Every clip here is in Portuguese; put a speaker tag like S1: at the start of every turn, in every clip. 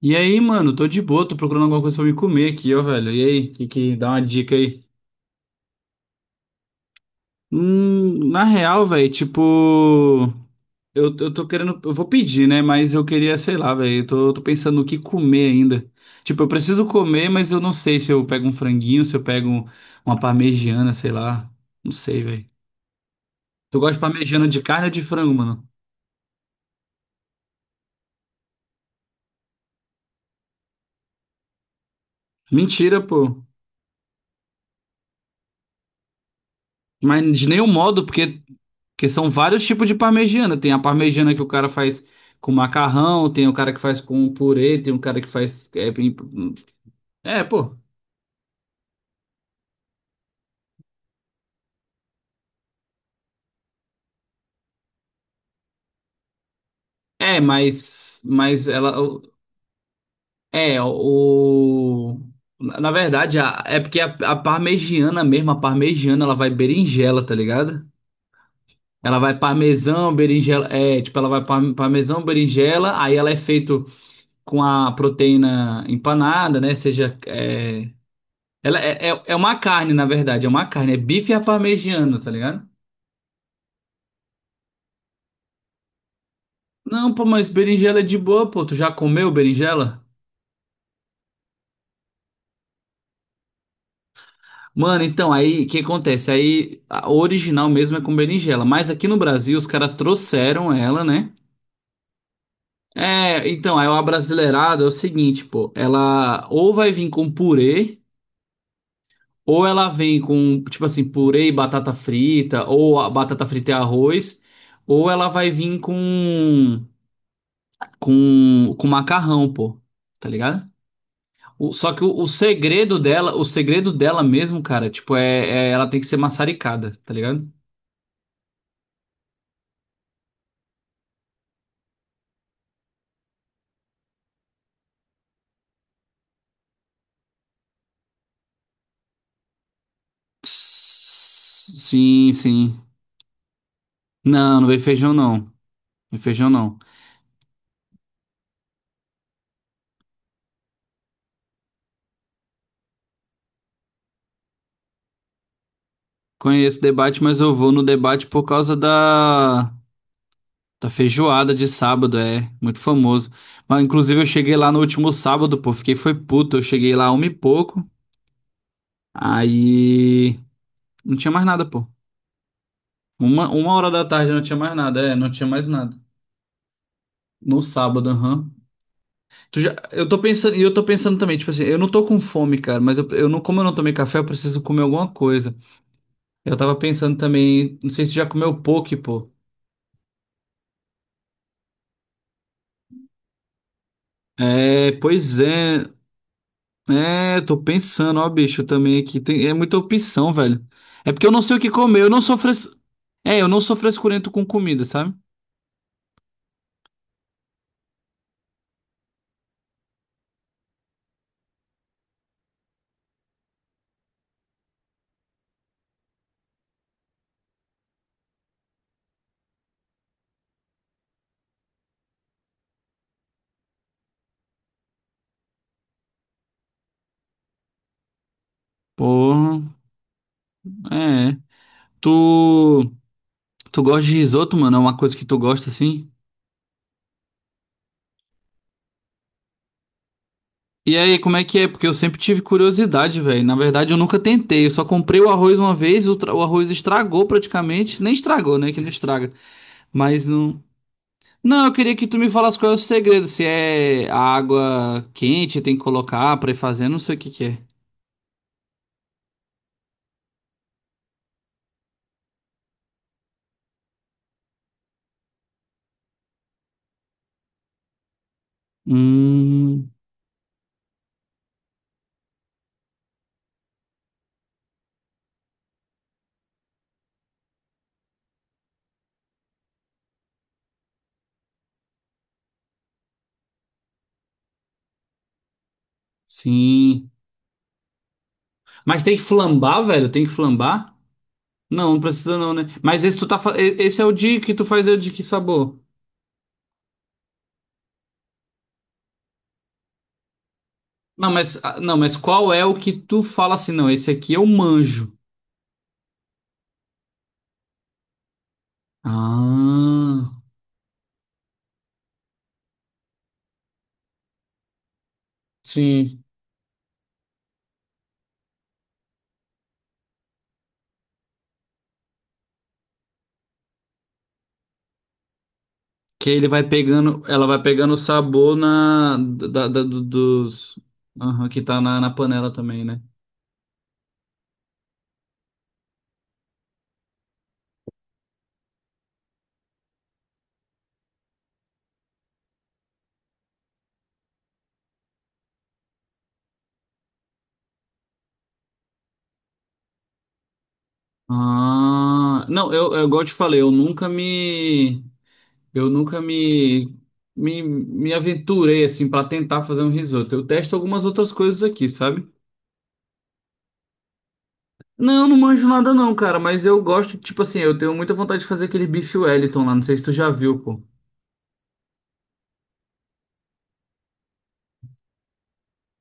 S1: E aí, mano, tô de boa, tô procurando alguma coisa pra me comer aqui, ó, velho. E aí, que dá uma dica aí? Na real, velho, tipo, eu tô querendo, eu vou pedir, né? Mas eu queria, sei lá, velho, eu tô pensando no que comer ainda. Tipo, eu preciso comer, mas eu não sei se eu pego um franguinho, se eu pego um- uma parmegiana, sei lá. Não sei, velho. Tu gosta de parmegiana de carne ou de frango, mano? Mentira, pô. Mas de nenhum modo, porque, porque são vários tipos de parmegiana. Tem a parmegiana que o cara faz com macarrão, tem o cara que faz com purê, tem o cara que faz. É, bem- é, pô. É, mas ela. É, o. Na verdade, é porque a parmegiana mesmo, a parmegiana, ela vai berinjela, tá ligado? Ela vai parmesão, berinjela. É, tipo, parmesão, berinjela, aí ela é feito com a proteína empanada, né? É uma carne, na verdade, é uma carne, é bife à parmegiana, tá ligado? Não, pô, mas berinjela é de boa, pô, tu já comeu berinjela? Mano, então, aí, o que acontece? Aí, a original mesmo é com berinjela, mas aqui no Brasil os caras trouxeram ela, né? É, então, aí o abrasileirado é o seguinte, pô, ela ou vai vir com purê, ou ela vem com, tipo assim, purê e batata frita, ou a batata frita e arroz, ou ela vai vir com com macarrão, pô. Tá ligado? Só que o segredo dela, o segredo dela mesmo, cara, tipo, ela tem que ser maçaricada, tá ligado? Tss, Sim. Não, não vem feijão, não. Vem feijão, não. Conheço o debate, mas eu vou no debate por causa da, da feijoada de sábado, é. Muito famoso. Mas, inclusive, eu cheguei lá no último sábado, pô. Fiquei foi puto. Eu cheguei lá uma e pouco. Aí. Não tinha mais nada, pô. Uma hora da tarde não tinha mais nada, é, não tinha mais nada. No sábado, aham. Tu já, eu tô pensando, e eu tô pensando também, tipo assim, eu não tô com fome, cara, mas eu não, como eu não tomei café, eu preciso comer alguma coisa. Eu tava pensando também, não sei se tu já comeu poke, pô. É, pois é. É, eu tô pensando, ó, bicho, também aqui. Tem, é muita opção, velho. É porque eu não sei o que comer, eu não sou fres... é, eu não sou frescurento com comida, sabe? Porra, é. Tu, tu gosta de risoto, mano? É uma coisa que tu gosta, assim? E aí, como é que é? Porque eu sempre tive curiosidade, velho. Na verdade, eu nunca tentei. Eu só comprei o arroz uma vez, o arroz estragou praticamente. Nem estragou, né? Que não estraga. Mas não. Não, eu queria que tu me falasse qual é o segredo. Se é a água quente, tem que colocar pra ir fazendo, não sei o que que é. Hum, sim. Mas tem que flambar, velho? Tem que flambar? Não, não precisa não, né? Mas esse tu tá, fa- e- esse é o de que sabor? Não, mas ah, não, mas qual é o que tu fala assim, não, esse aqui eu manjo. Ah, sim. Que ele vai pegando, ela vai pegando o sabor na da, da- do- dos aham, que tá na panela também, né? Ah, não, eu igual eu te falei, eu nunca me me, me aventurei assim pra tentar fazer um risoto. Eu testo algumas outras coisas aqui, sabe? Não, não manjo nada não, cara, mas eu gosto, tipo assim, eu tenho muita vontade de fazer aquele bife Wellington lá, não sei se tu já viu, pô.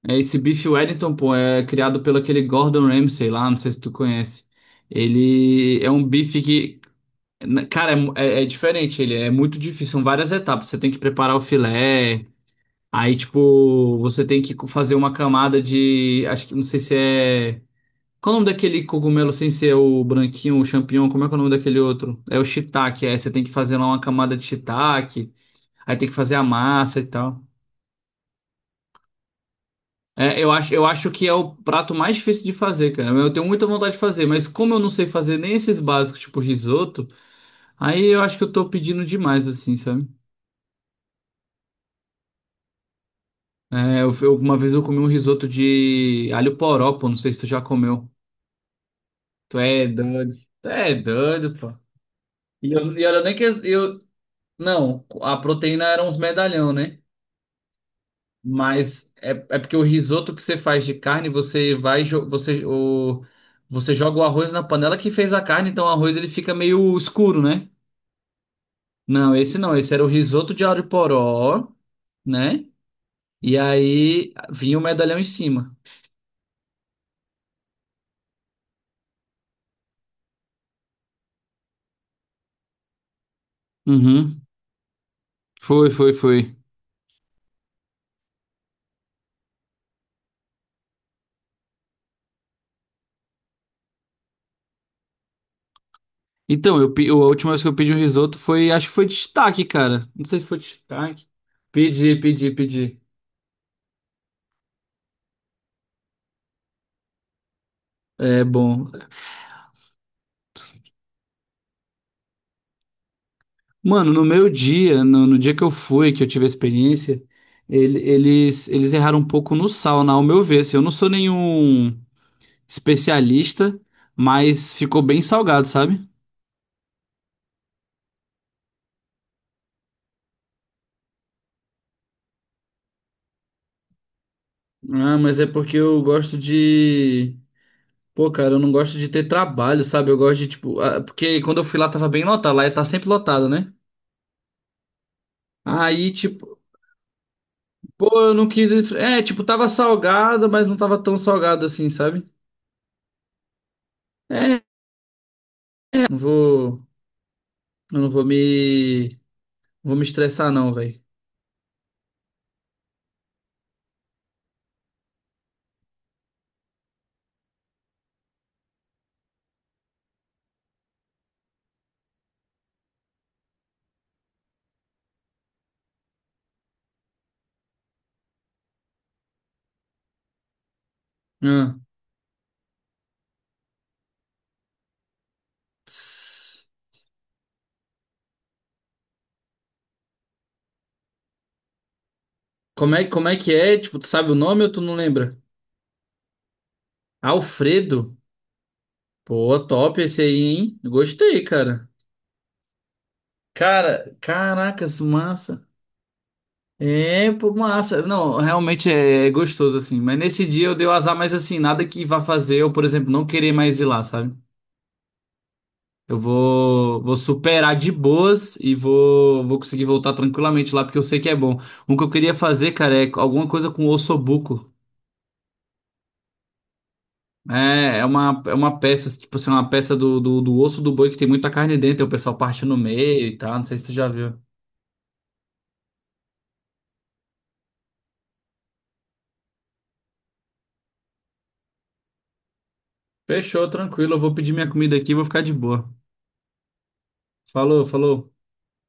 S1: É, esse Beef Wellington, pô, é criado pelo aquele Gordon Ramsay lá, não sei se tu conhece. Ele é um bife que, na- cara, é diferente, ele é muito difícil, são várias etapas. Você tem que preparar o filé, aí, tipo, você tem que co- fazer uma camada de, acho que, não sei se é... Qual o nome daquele cogumelo sem ser o branquinho, o champignon, como é que é o nome daquele outro? É o shiitake, aí você tem que fazer lá uma camada de shiitake, aí tem que fazer a massa e tal. Eu acho que é o prato mais difícil de fazer, cara. Eu tenho muita vontade de fazer, mas como eu não sei fazer nem esses básicos, tipo risoto, aí eu acho que eu tô pedindo demais, assim, sabe? Uma vez eu comi um risoto de alho poró, pô, não sei se tu já comeu. Tu é doido. Tu é doido, pô. E eu nem que eu, não, a proteína era uns medalhão, né? Mas é, é porque o risoto que você faz de carne, você vai, jo- você, o, você joga o arroz na panela que fez a carne, então o arroz ele fica meio escuro, né? Não, esse não, esse era o risoto de alho-poró, né? E aí vinha o medalhão em cima. Uhum. Foi. A última vez que eu pedi um risoto foi, acho que foi de shiitake, cara. Não sei se foi de shiitake. Pedi. É bom. Mano, no meu dia, no, no dia que eu fui, que eu tive a experiência, eles erraram um pouco no sal, na, ao meu ver. Assim, eu não sou nenhum especialista, mas ficou bem salgado, sabe? Ah, mas é porque eu gosto de. Pô, cara, eu não gosto de ter trabalho, sabe? Eu gosto de, tipo. Ah, Porque quando eu fui lá tava bem lotado, lá tá sempre lotado, né? Aí, tipo, pô, eu não quis. É, tipo, tava salgado, mas não tava tão salgado assim, sabe? É, não vou. Eu não vou me. Vou me estressar não, velho. Ah, tss. Como é que é? Tipo, tu sabe o nome ou tu não lembra? Alfredo? Pô, top esse aí, hein? Gostei, cara. Cara, caracas, massa. É, pô, massa. Não, realmente é gostoso, assim. Mas nesse dia eu dei o azar, mas assim, nada que vá fazer eu, por exemplo, não querer mais ir lá, sabe? Eu vou superar de boas e vou conseguir voltar tranquilamente lá, porque eu sei que é bom. Um que eu queria fazer, cara, é alguma coisa com ossobuco. É uma peça, tipo assim, uma peça do osso do boi que tem muita carne dentro, aí o pessoal parte no meio e tal, não sei se tu já viu. Fechou, tranquilo, eu vou pedir minha comida aqui e vou ficar de boa. Falou.